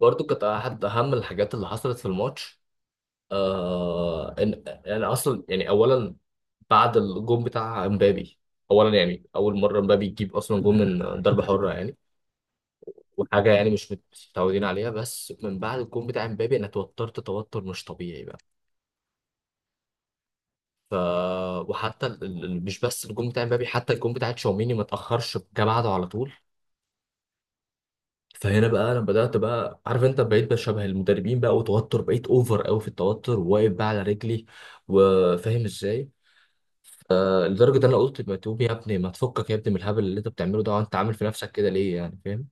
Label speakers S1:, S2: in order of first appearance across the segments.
S1: برضو كانت أحد أهم الحاجات اللي حصلت في الماتش. إن يعني أصلا يعني أولا بعد الجون بتاع امبابي، أولا يعني أول مرة امبابي يجيب أصلا جون من ضربة حرة يعني، وحاجة يعني مش متعودين عليها. بس من بعد الجون بتاع امبابي أنا توترت توتر مش طبيعي بقى. ف وحتى مش بس الجون بتاع امبابي، حتى الجون بتاع تشاوميني ما تأخرش، جه بعده على طول. فهنا بقى انا بدات، بقى عارف انت، بقيت بشبه المدربين بقى، وتوتر، بقيت اوفر قوي في التوتر، وواقف بقى على رجلي وفاهم ازاي. لدرجه ان انا قلت متوب يا ابني، ما تفكك يا ابني من الهبل اللي انت بتعمله ده، وانت عامل في نفسك كده ليه؟ يعني فاهم.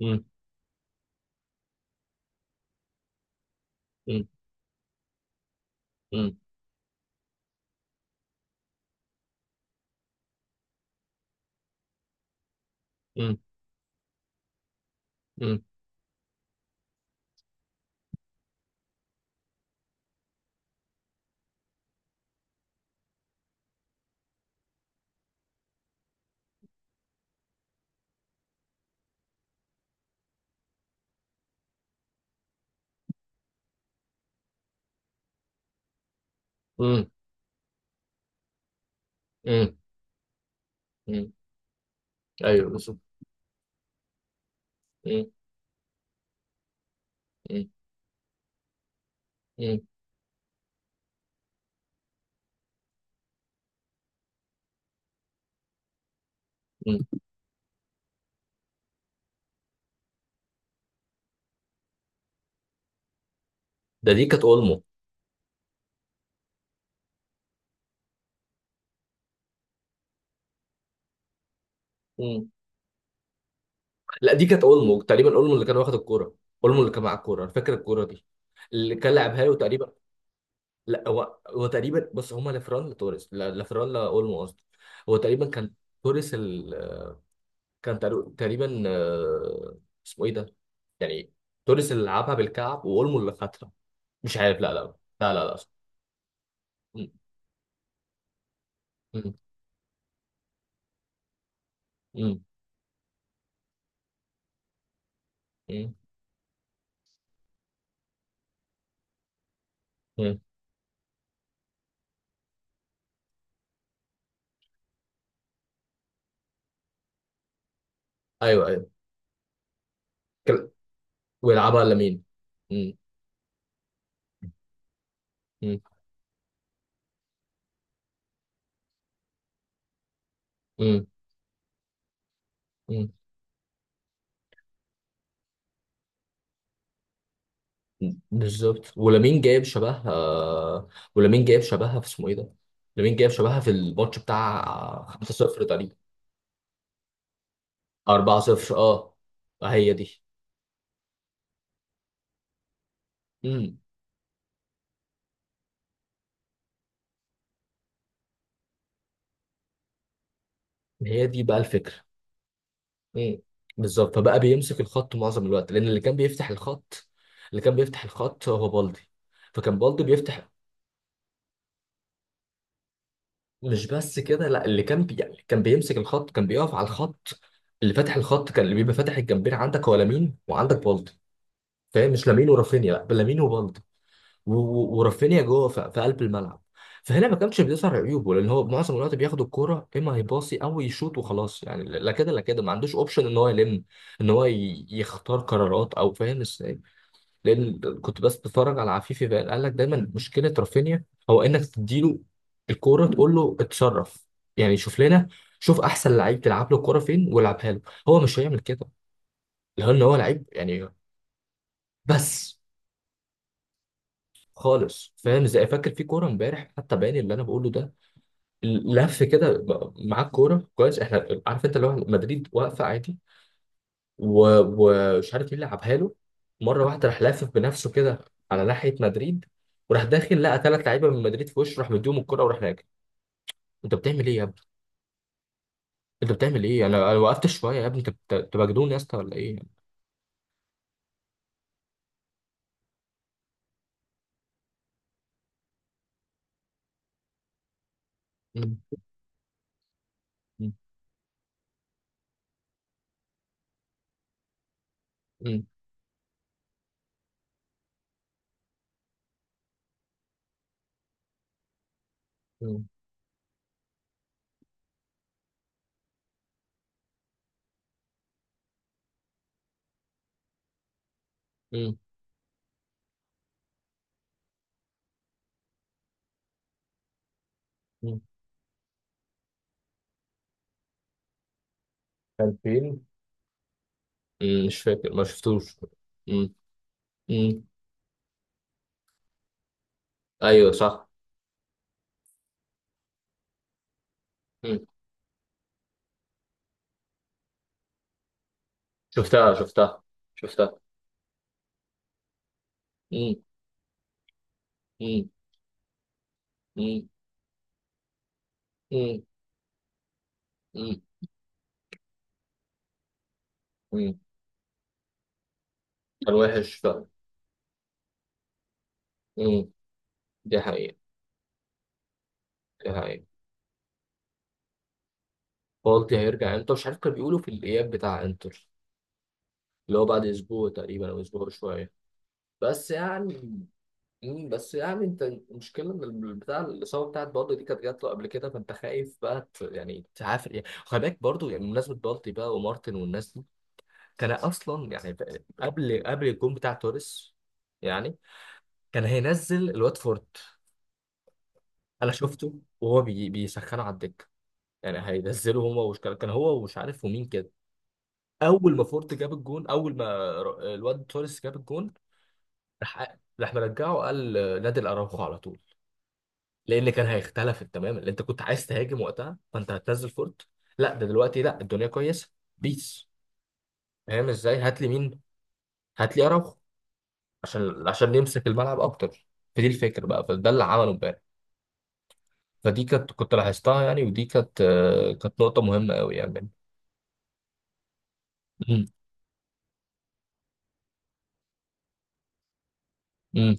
S1: مم. مم. مم. مم. مم. مم. مم. مم. ايوه بالظبط. مم. مم. مم. مم. ده دي كانت اولمو. مم. لا دي كانت اولمو تقريبا، اولمو اللي كان واخد الكوره، اولمو اللي كان معاه الكوره، أنا فاكر الكوره دي اللي كان لعبها له تقريبا. لا هو هو تقريبا، بص هما لفران لتوريس، لا- لفران لاولمو قصدي. هو تقريبا كان توريس ال... كان تقريبا، اسمه ايه ده يعني؟ توريس اللي لعبها بالكعب واولمو اللي خدها. مش عارف، لا لا. لا لا لا، صح. م- م- م- م- م. ايوه ايوه. كل- ويلعبها لمين؟ م- م- م- م. بالظبط، ولامين جايب شبهها. ولامين جايب شبهها في اسمه ايه ده. لامين جايب شبهها في الماتش بتاع 5-0 تقريبا. أربعة صفر، أه. هي دي. امم. هي دي بقى الفكرة. امم. بالظبط، فبقى بيمسك الخط معظم الوقت، لأن اللي كان بيفتح الخط، اللي كان بيفتح الخط هو بالدي. فكان بالدي بيفتح. مش بس كده لا، يعني كان بيمسك الخط، كان بيقف على الخط. اللي فاتح الخط، كان اللي بيبقى فاتح الجنبين عندك هو لامين وعندك بالدي. فاهم؟ مش لامين ورافينيا، لا لامين وبالدي. ورافينيا جوه في قلب الملعب. فهنا ما كانش بيظهر عيوبه لان هو معظم الوقت بياخد الكوره، اما هيباصي او يشوط وخلاص يعني. لا كده لا كده ما عندوش اوبشن ان هو يلم، ان هو يختار قرارات، او فاهم ازاي. لان كنت بس بتفرج على عفيفي بقى، قال لك دايما مشكله رافينيا هو انك تديله الكوره تقول له اتصرف. يعني شوف لنا، شوف احسن لعيب تلعب له الكوره فين والعبها له. هو مش هيعمل كده لان هو لعيب يعني. بس خالص، فاهم ازاي. فاكر في كوره امبارح حتى باين اللي انا بقوله ده. لف كده معاه الكوره كويس، احنا عارف انت، اللي هو مدريد واقفه عادي. و- ومش عارف مين لعبها له. مره واحده راح لافف بنفسه كده على ناحيه مدريد، وراح داخل لقى ثلاث لعيبه من مدريد في وشه، راح مديهم الكوره وراح راجع. انت بتعمل ايه يا ابني؟ انت بتعمل ايه؟ انا وقفت شويه يا ابني، انت انت مجنون يا اسطى ولا ايه؟ مم. مم. مم. مم. مم. مم. كان فين؟ مم. مش فاكر، ما شفتوش. مم. مم. ايوه صح. مم. شفتها شفتها. شفتها. مم. مم. مم. مم. مم. كان وحش فعلا. مم. دي حقيقة. دي حقيقة. بالدي هيرجع انتر، مش عارف، كانوا بيقولوا في الإياب بتاع انتر، اللي هو بعد أسبوع تقريبا أو أسبوع شوية. بس يعني. مم. بس يعني انت المشكلة ان بتاع الإصابة بتاعت بالدي دي كانت جات له قبل كده، فانت خايف بقى يعني تعافر يعني. خلي بالك برضه يعني بمناسبة بالدي بقى ومارتن والناس دي. كان أصلا يعني قبل الجون بتاع توريس يعني كان هينزل الواتفورد. انا شفته وهو بيسخنه على الدكه. يعني هينزلوا هما، وش كان، كان هو ومش عارف ومين كده. اول ما فورت جاب الجون، اول ما الواد توريس جاب الجون، راح مرجعه. قال نادي الاراوخو على طول. لان كان هيختلف تماما. اللي انت كنت عايز تهاجم وقتها فانت هتنزل فورت. لا ده دلوقتي لا، الدنيا كويسه. بيس. فاهم ازاي، هات لي مين، هات لي اراوخو عشان عشان يمسك الملعب اكتر. فدي الفكره بقى، فده اللي عمله امبارح. فدي كانت، كنت لاحظتها يعني، ودي كانت، كانت نقطه مهمه قوي يعني. امم. امم.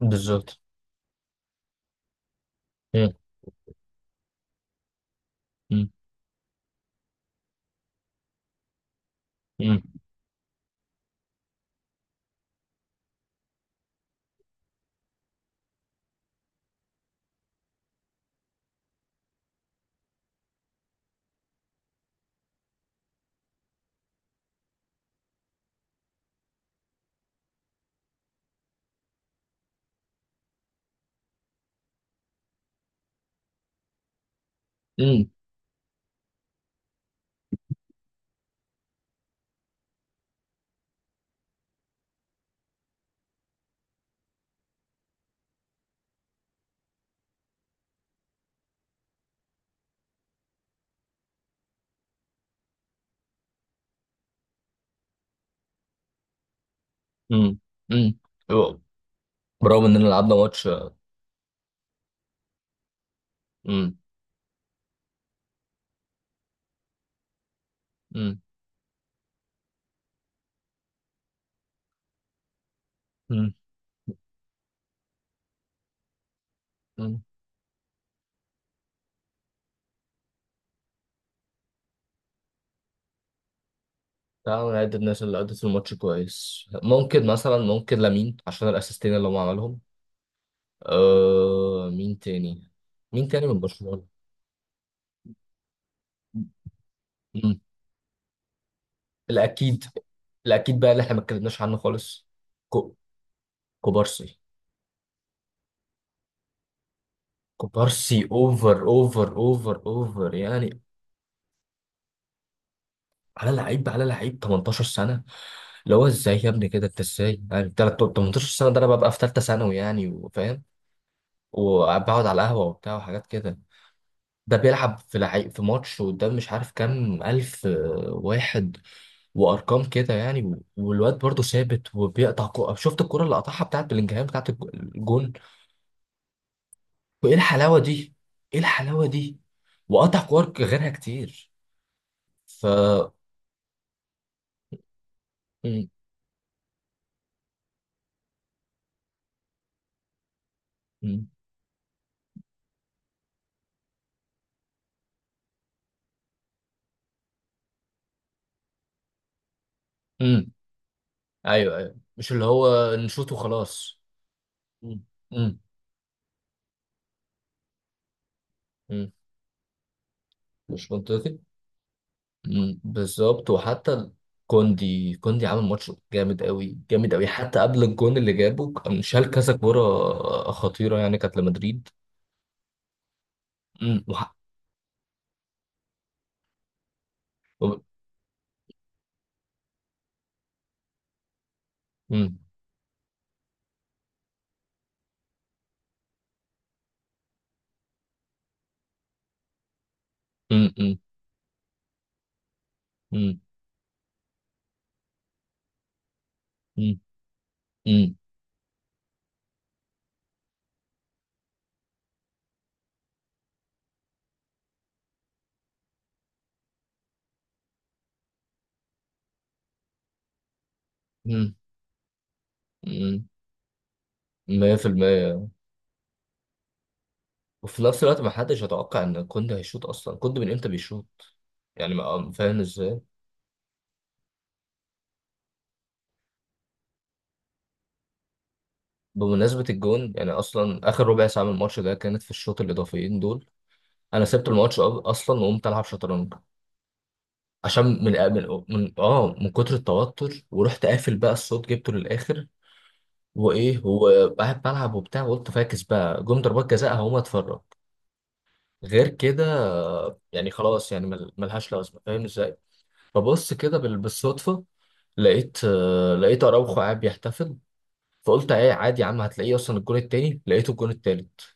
S1: بالظبط. امم. امم. امم. امم. برغم اننا لعبنا ماتش. امم. امم. امم. امم. تعالوا نعد الناس اللي أدت الماتش كويس، ممكن مثلا، ممكن لامين عشان الاسيستين اللي هو عملهم. آه مين تاني، مين تاني من برشلونة. امم. الاكيد. الاكيد بقى اللي احنا ما اتكلمناش عنه خالص. كو... كوبارسي. كوبارسي اوفر اوفر اوفر اوفر يعني. على لعيب، على لعيب 18 سنة. اللي هو ازاي يا ابني كده، انت ازاي يعني؟ 18 سنه ده، انا ببقى في ثالثه ثانوي يعني وفاهم، وبقعد على القهوه وبتاع وحاجات كده. ده بيلعب في في ماتش قدام مش عارف كام الف واحد وارقام كده يعني. والواد برضه ثابت وبيقطع شفت الكره اللي قطعها بتاعت بلينجهام بتاعت الجون. وايه الحلاوه دي، ايه الحلاوه دي. وقطع كور غيرها كتير. ف م- م- م. ايوه ايوه، مش اللي هو نشوط وخلاص. م- م- م. مش منطقي. مم، بالظبط وحتى كوندي. كوندي عامل ماتش جامد قوي جامد قوي، حتى قبل الجون اللي جابه كان شال كذا كوره خطيره يعني كانت لمدريد. مم، وب- مم، مم، مم، مم، مم، مم، مم، مم، 100%. وفي نفس الوقت ما حدش يتوقع ان كوندي هيشوط، اصلا كوندي من امتى بيشوط؟ يعني ما فاهم ازاي. بمناسبة الجون، يعني اصلا اخر ربع ساعة من الماتش ده كانت في الشوط الاضافيين دول، انا سبت الماتش اصلا وقمت العب شطرنج. عشان من كتر التوتر، ورحت قافل بقى الصوت، جبته للاخر. وايه هو، قاعد بلعب وبتاع وقلت فاكس بقى جم ضربات جزاء هقوم اتفرج. غير كده يعني خلاص يعني ملهاش لازمه فاهم ازاي. فبص كده بالصدفه لقيت، لقيت اراوخو قاعد بيحتفل. فقلت ايه عادي يا عم، هتلاقيه اصلا. الجون التاني لقيته، الجون التالت.